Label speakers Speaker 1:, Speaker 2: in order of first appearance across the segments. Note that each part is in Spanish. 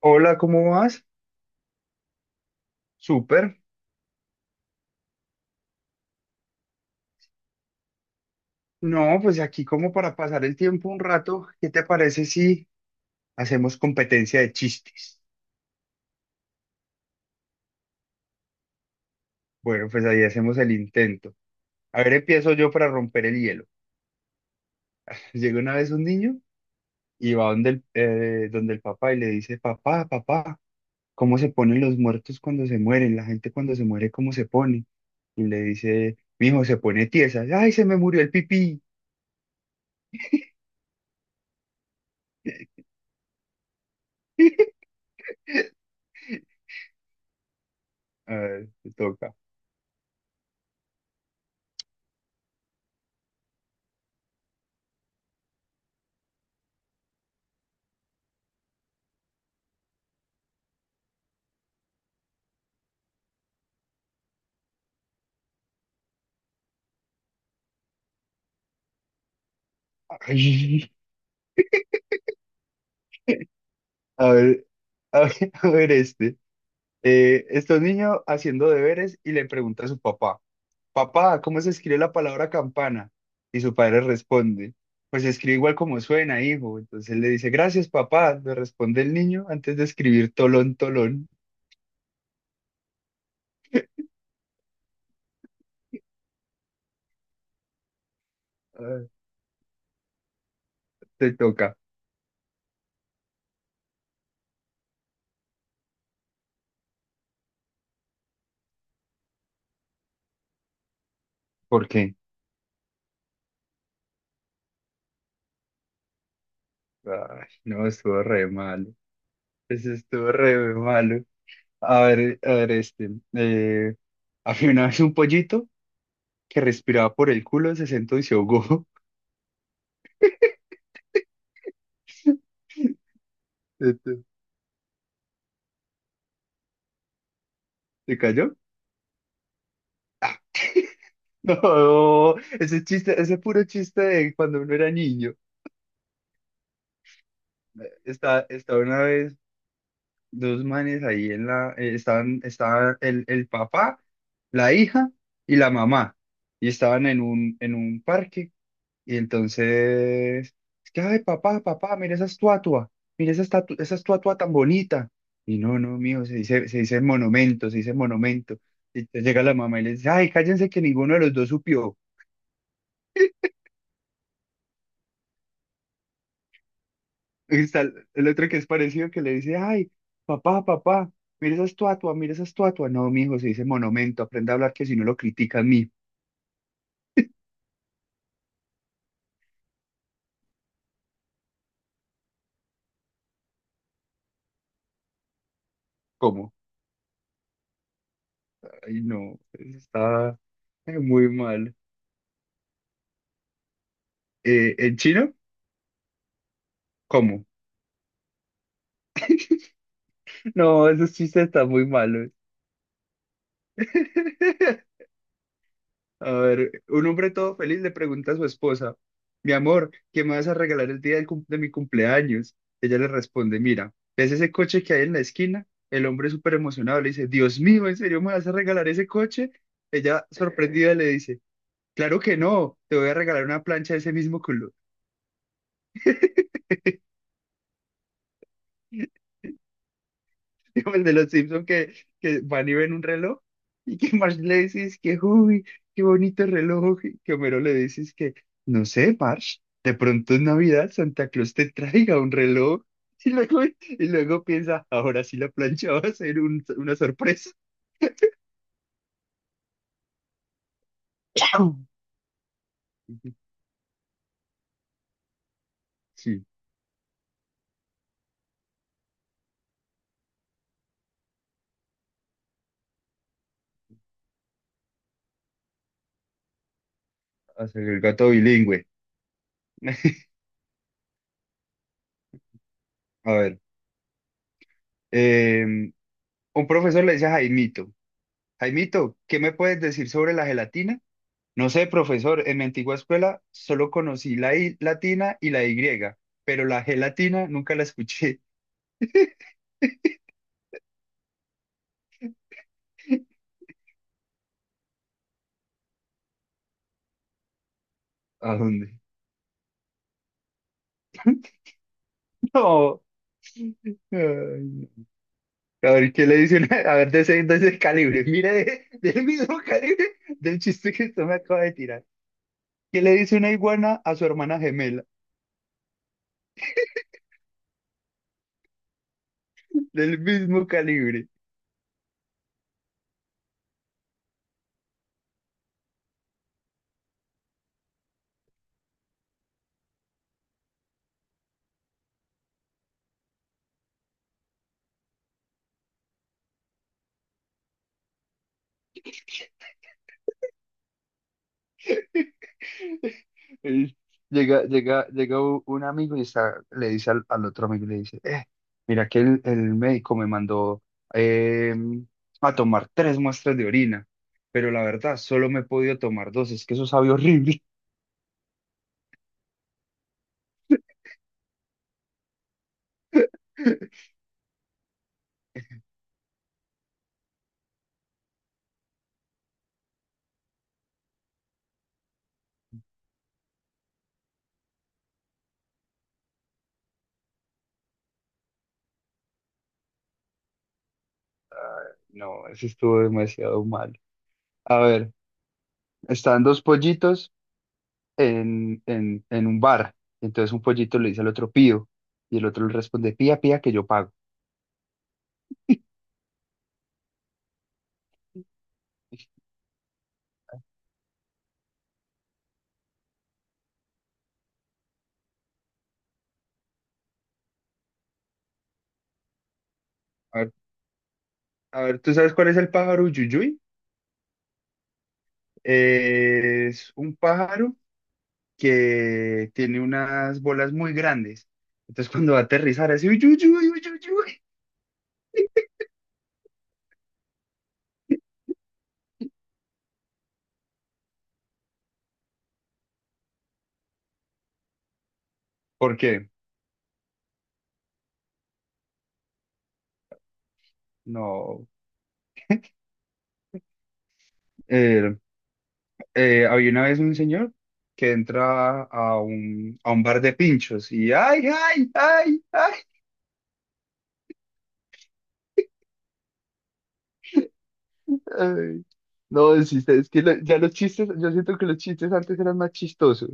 Speaker 1: Hola, ¿cómo vas? Súper. No, pues aquí como para pasar el tiempo un rato, ¿qué te parece si hacemos competencia de chistes? Bueno, pues ahí hacemos el intento. A ver, empiezo yo para romper el hielo. Llega una vez un niño y va donde donde el papá y le dice, papá, papá, ¿cómo se ponen los muertos cuando se mueren? La gente cuando se muere, ¿cómo se pone? Y le dice, mijo, se pone tiesa. Ay, se me murió el pipí. A ver, te toca. Ay, a ver, a ver, a ver este. Está un niño haciendo deberes y le pregunta a su papá, papá, ¿cómo se escribe la palabra campana? Y su padre responde, pues se escribe igual como suena, hijo. Entonces él le dice, gracias, papá, le responde el niño antes de escribir tolón, tolón. Ah, te toca. ¿Por qué? Ay, no, estuvo re malo. Eso estuvo re malo. A ver este. Había una vez un pollito que respiraba por el culo, se sentó y se ahogó. ¿Se te- ¿Te cayó? No, ese chiste, ese puro chiste de cuando uno era niño. Estaba una vez dos manes ahí en estaban, estaba el papá, la hija y la mamá. Y estaban en en un parque. Y entonces, es que, ay, papá, papá, mira esa estatua tan bonita. Y no, no, mijo, se dice monumento, se dice monumento. Y entonces llega la mamá y le dice, ay, cállense que ninguno de los dos supió. Y está el otro que es parecido que le dice, ay, papá, papá, mira esa estatua, mira esa estatua. No, mi hijo, se dice monumento, aprende a hablar que si no lo critica a mí. ¿Cómo? Ay, no, eso está muy mal. ¿En chino? ¿Cómo? No, esos chistes están muy malos. A ver, un hombre todo feliz le pregunta a su esposa, mi amor, ¿qué me vas a regalar el día de mi cumpleaños? Ella le responde, mira, ¿ves ese coche que hay en la esquina? El hombre súper emocionado le dice, Dios mío, ¿en serio me vas a regalar ese coche? Ella sorprendida le dice, claro que no, te voy a regalar una plancha de ese mismo color. Como el de los Simpsons que van y ven un reloj y que Marge le dice es que, uy, qué bonito reloj. Y que Homero le dice es que, no sé, Marge, de pronto en Navidad Santa Claus te traiga un reloj. Y luego piensa, ahora sí la plancha va a ser una sorpresa. ¡Chao! Sí, hacer el gato bilingüe. A ver, eh, un profesor le dice a Jaimito, Jaimito, ¿qué me puedes decir sobre la gelatina? No sé, profesor, en mi antigua escuela solo conocí la I latina y la Y, pero la G latina nunca la escuché. ¿A dónde? No. Ay, no. A ver, ¿qué le dicen? A ver, de ese calibre. Mire, del mismo calibre del chiste que usted me acaba de tirar. ¿Qué le dice una iguana a su hermana gemela? Del mismo calibre. Y llega un amigo y está, le dice al otro amigo, le dice, mira que el médico me mandó em, a tomar tres muestras de orina, pero la verdad solo me he podido tomar dos, es que eso sabe horrible. No, eso estuvo demasiado mal. A ver, están dos pollitos en, en un bar, entonces un pollito le dice al otro, pío, y el otro le responde, pía, pía, que yo pago. A ver, a ver, ¿tú sabes cuál es el pájaro Yuyuy? Es un pájaro que tiene unas bolas muy grandes. Entonces cuando va a aterrizar, así, uy, uy, uy, uy, uy, uy. ¿Por qué? No. Eh, Había una vez un señor que entra a a un bar de pinchos y ¡ay, ay, ay, ay! Ay. No, es que ya los chistes, yo siento que los chistes antes eran más chistosos.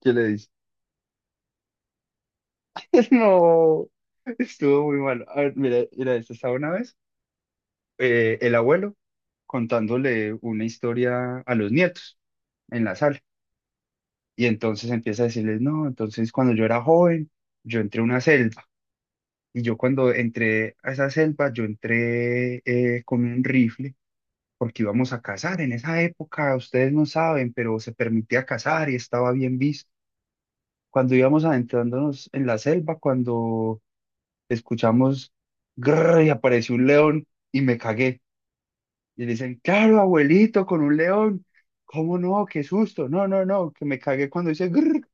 Speaker 1: ¿Qué le dices? No, estuvo muy mal. A ver, mira, mira, esto estaba una vez. El abuelo contándole una historia a los nietos en la sala. Y entonces empieza a decirles, no, entonces cuando yo era joven, yo entré a una selva. Y yo cuando entré a esa selva, yo entré con un rifle porque íbamos a cazar. En esa época, ustedes no saben, pero se permitía cazar y estaba bien visto. Cuando íbamos adentrándonos en la selva, cuando escuchamos grrr y apareció un león y me cagué. Y le dicen, claro, abuelito, con un león. ¿Cómo no? Qué susto. No, no, no, que me cagué cuando hice grrr.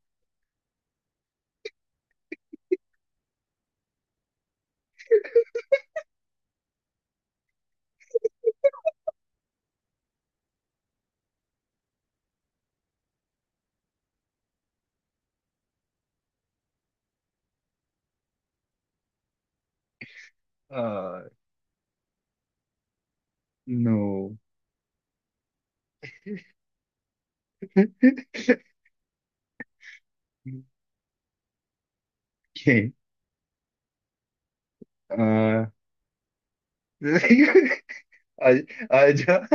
Speaker 1: Ah, no. ¿Qué? Ah. Ay- Allá.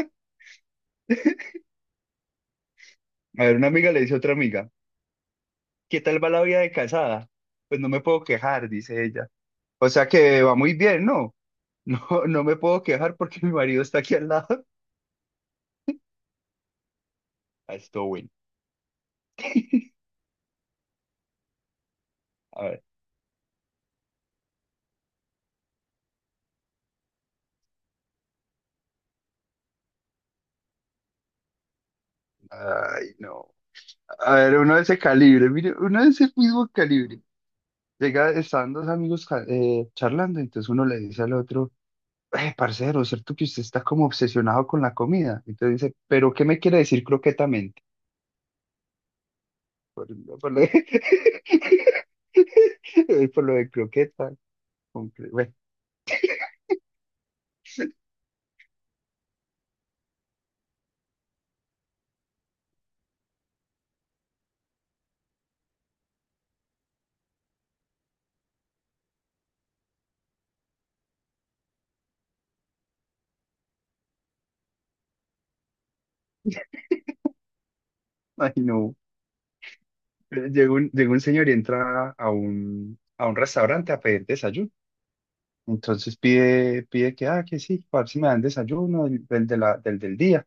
Speaker 1: A ver, una amiga le dice a otra amiga, ¿qué tal va la vida de casada? Pues no me puedo quejar, dice ella. O sea que va muy bien, ¿no? No, no me puedo quejar porque mi marido está aquí al lado. Ah, estuvo bueno. A ver. Ay, no. A ver, uno de ese calibre, mire, uno de ese mismo calibre. Llega, estaban dos amigos charlando, entonces uno le dice al otro, parcero, ¿cierto que usted está como obsesionado con la comida? Entonces dice, ¿pero qué me quiere decir croquetamente? Por, por lo de, por lo de croqueta. Bueno, ay no. Llega un señor y entra a a un restaurante a pedir desayuno. Entonces pide, pide que, ah, que sí, para ver si me dan desayuno del, del de la, del del día.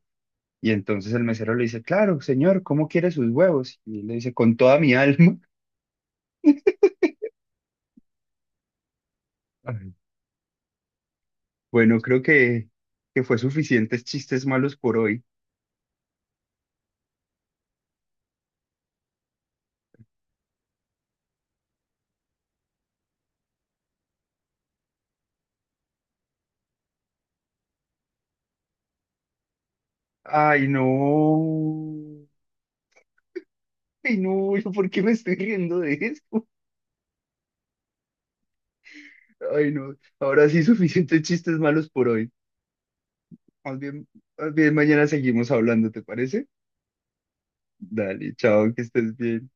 Speaker 1: Y entonces el mesero le dice, claro, señor, ¿cómo quiere sus huevos? Y él le dice, con toda mi alma. Ay. Bueno, creo que fue suficientes chistes malos por hoy. Ay, no. Ay, no, ¿yo ¿por qué me estoy riendo de esto? Ay, no. Ahora sí, suficientes chistes malos por hoy. Más bien, más bien mañana seguimos hablando, ¿te parece? Dale, chao, que estés bien.